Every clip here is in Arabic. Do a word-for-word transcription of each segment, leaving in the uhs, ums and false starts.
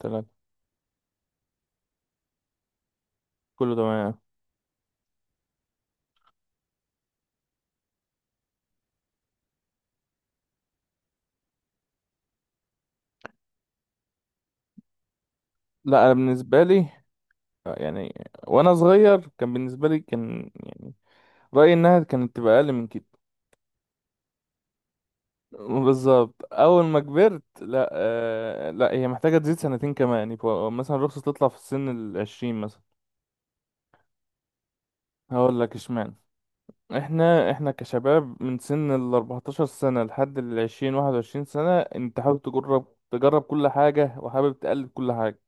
تمام. كله تمام. لا، انا بالنسبه لي، آه، يعني وانا صغير كان بالنسبه لي، كان يعني رايي انها كانت تبقى اقل من كده. بالظبط، اول ما كبرت لا. آه لا، هي محتاجه تزيد سنتين كمان، يعني فوق- مثلا الرخصه تطلع في السن العشرين مثلا. هقول لك اشمعنى. احنا احنا كشباب من سن ال أربعتاشر سنه لحد ال عشرين واحد وعشرين سنه انت حابب تجرب تجرب كل حاجه، وحابب تقلد كل حاجه.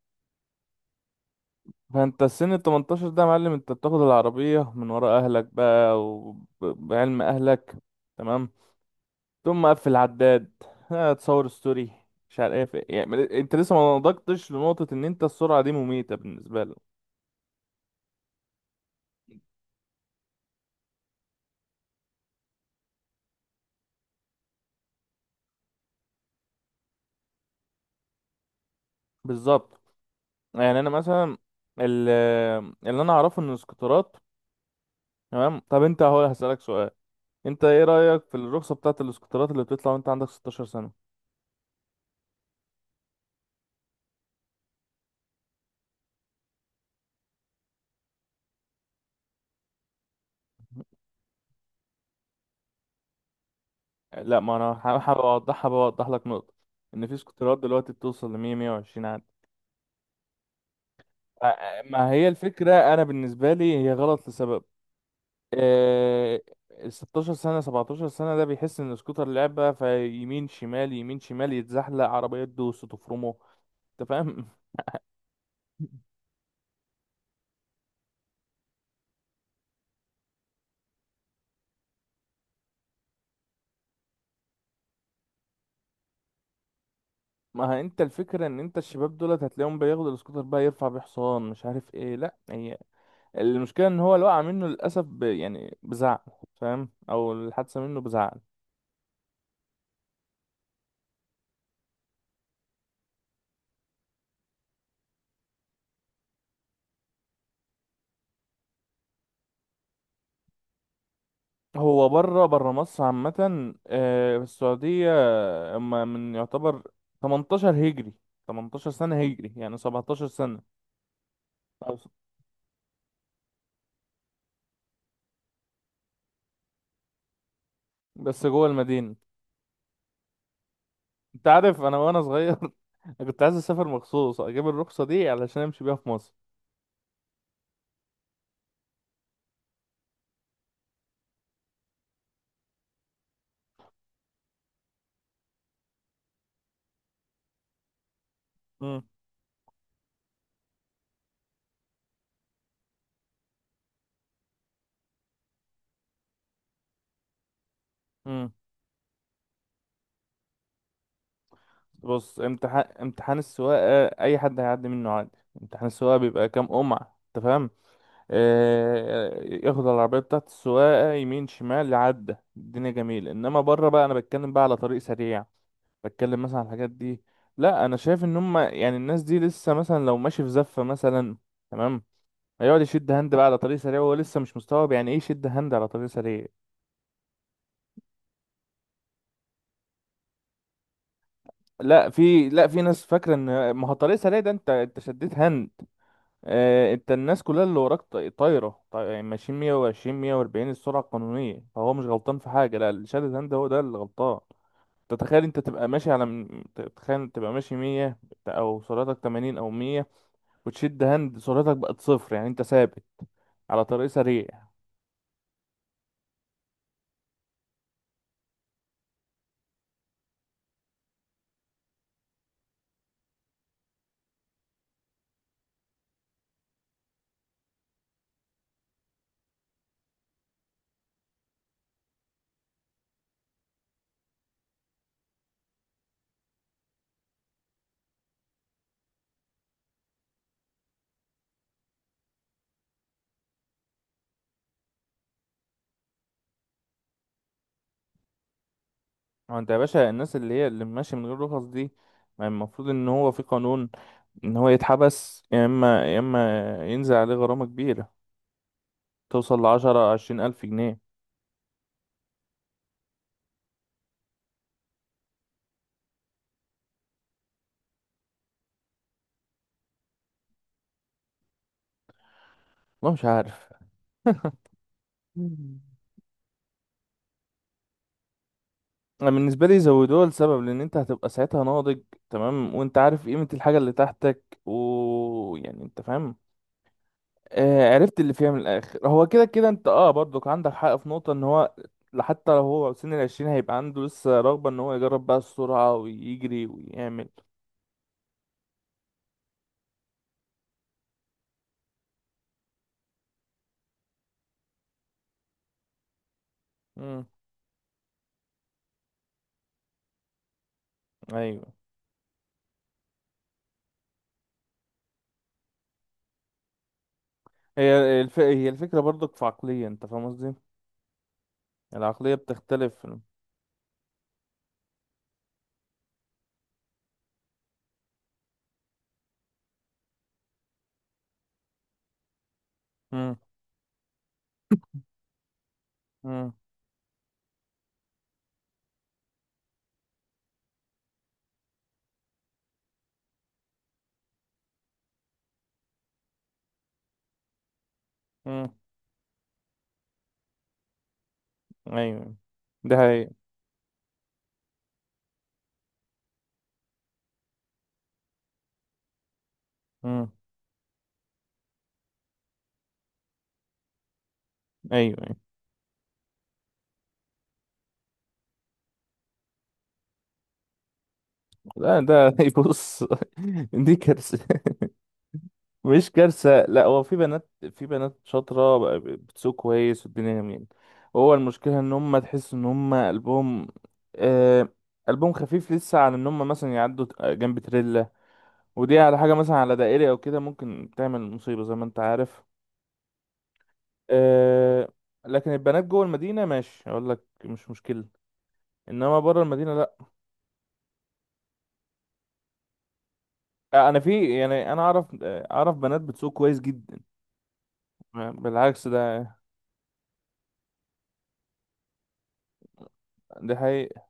فانت السن ال تمنتاشر ده يا معلم، انت بتاخد العربية من ورا اهلك بقى، وبعلم اهلك. تمام. تقوم مقفل عداد. ها، تصور ستوري، مش عارف ايه، يعني انت لسه ما نضجتش لنقطة ان انت السرعة دي مميتة بالنسبة لك. بالظبط. يعني انا مثلا ال- اللي انا اعرفه ان الاسكوترات. تمام، طب انت اهو هسألك سؤال، انت ايه رأيك في الرخصة بتاعة الاسكوترات اللي بتطلع وانت عندك ستاشر سنة؟ لا، ما انا ح- حابب اوضحها، بوضح لك نقطة ان في سكوترات دلوقتي بتوصل ل مية مية وعشرين. آه، ما هي الفكرة، أنا بالنسبة لي هي غلط لسبب. آه، ال ستاشر سنة سبعتاشر سنة ده بيحس إن سكوتر لعبة، فيمين شمال يمين شمال يتزحلق، عربية تدوس تفرمه. أنت فاهم؟ ما هي أنت الفكرة إن أنت الشباب دولت هتلاقيهم بياخدوا السكوتر بقى، يرفع بيه حصان، مش عارف إيه. لأ، هي المشكلة إن هو اللي وقع منه للأسف ب... يعني بزعل. فاهم؟ أو الحادثة منه بزعل. هو بره، بره مصر عامة، آه، في السعودية أما من يعتبر تمنتاشر هجري، تمنتاشر سنة هجري يعني سبعة عشر سنة. أو- بس جوه المدينة. أنت عارف أنا وأنا صغير أنا كنت عايز أسافر مخصوص أجيب الرخصة دي علشان أمشي بيها في مصر. مم. مم. بص، امتحان امتحان السواقة أي حد هيعدي منه عادي. امتحان السواقة بيبقى كام قمعة، أنت فاهم. آه، ياخد العربية بتاعت السواقة يمين شمال لعدة، الدنيا جميلة، انما بره بقى انا بتكلم بقى على طريق سريع، بتكلم مثلا على الحاجات دي. لا، انا شايف ان هم يعني الناس دي لسه، مثلا لو ماشي في زفة مثلا، تمام، هيقعد يشد هاند بقى على طريق سريع وهو لسه مش مستوعب يعني ايه يشد هاند على طريق سريع. لا في، لا في ناس فاكرة ان ما هو طريق سريع ده، انت انت شديت هاند. آه، انت الناس كلها اللي وراك طا- طايره، طا- يعني ماشيين مئة وعشرين مية واربعين السرعه القانونيه، فهو مش غلطان في حاجه، لا الشهاده هند هو ده اللي غلطان. تتخيل انت تبقى ماشي على م- ت- تخيل تبقى ماشي مية، او سرعتك تمانين او مية، وتشد هند سرعتك بقت صفر، يعني انت ثابت على طريق سريع. هو انت يا باشا الناس اللي هي اللي ماشيه من غير رخص دي، ما المفروض ان هو في قانون ان هو يتحبس، يا اما يا اما ينزل عليه غرامه كبيره توصل لعشرة عشرين الف جنيه. والله مش عارف. انا بالنسبه لي زودوها لسبب، لان انت هتبقى ساعتها ناضج، تمام، وانت عارف قيمه الحاجه اللي تحتك، ويعني انت فاهم. آه، عرفت اللي فيها من الاخر. هو كده كده انت، اه، برضك عندك حق في نقطه ان هو حتى لو هو سن العشرين هيبقى عنده لسه رغبه ان هو يجرب بقى السرعه ويجري ويعمل. امم. ايوه. هي الف... هي الفكره برضك في عقليه، انت فاهم قصدي. العقليه بتختلف. امم. امم. امم. ايوه. ده هي. امم. ايوه. أيوه. لا ده يبص، دي كارثة. مش كارثة، لا، هو في بنات، في بنات شاطرة بقى بتسوق كويس والدنيا جميلة. هو المشكلة ان هم تحس ان هم قلبهم، آه، قلبهم خفيف لسه على ان هم مثلا يعدوا ت- جنب تريلا، ودي على حاجة مثلا على دائري او كده ممكن تعمل مصيبة زي ما انت عارف. آه. لكن البنات جوه المدينة ماشي، اقول لك مش مشكلة، انما بره المدينة لا. آه، انا في، يعني انا اعرف، آه، اعرف بنات بتسوق كويس جدا. بالعكس ده، دي حقيقة.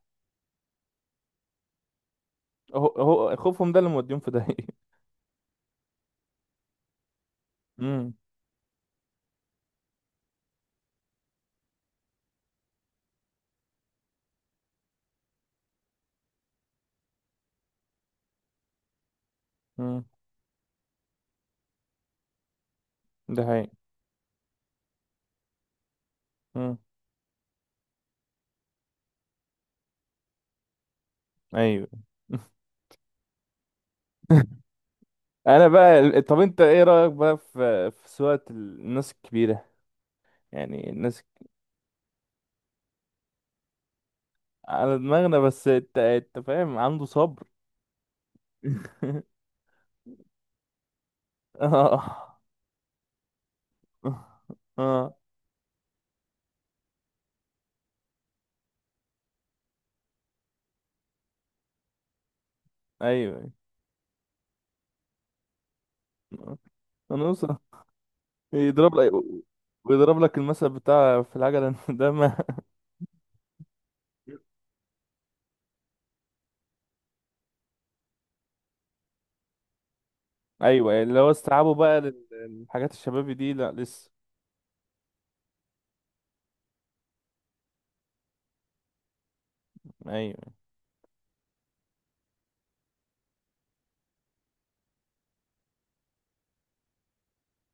هو هو خوفهم ده اللي موديهم في داهية. امم. امم. ده حقيقة. امم. ايوه. انا بقى ال- طب انت ايه رأيك بقى في في سواقة ال- الناس الكبيرة، يعني الناس. على دماغنا، بس انت، انت فاهم، عنده صبر. اه. اه. ايوه. ايوه. انا اصلا يضرب لك، ويضرب لك المثل بتاع في العجلة ده ما. ايوه، اللي هو استيعابه بقى للحاجات الشبابي دي، لا لسه.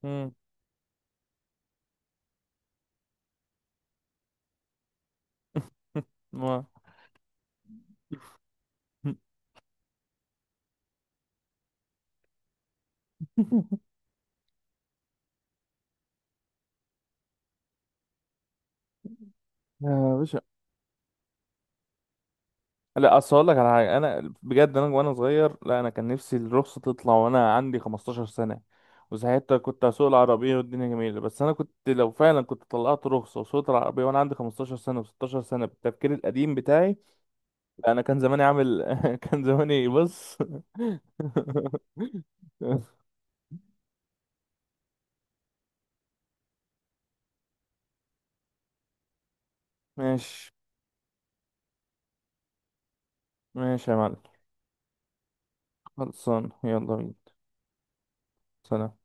ايوه. ما. يا باشا، لا اصل اقول لك على حاجه، انا بجد انا وانا صغير، لا انا كان نفسي الرخصه تطلع وانا عندي خمستاشر سنه، وساعتها كنت هسوق العربيه والدنيا جميله. بس انا كنت، لو فعلا كنت طلعت رخصه وسوقت العربيه وانا عندي خمستاشر سنه و ستاشر سنه بالتفكير القديم بتاعي، لا انا كان زماني عامل كان زماني بص. ماشي. ماشي يا معلم. خلصان، يلا بينا. سلام.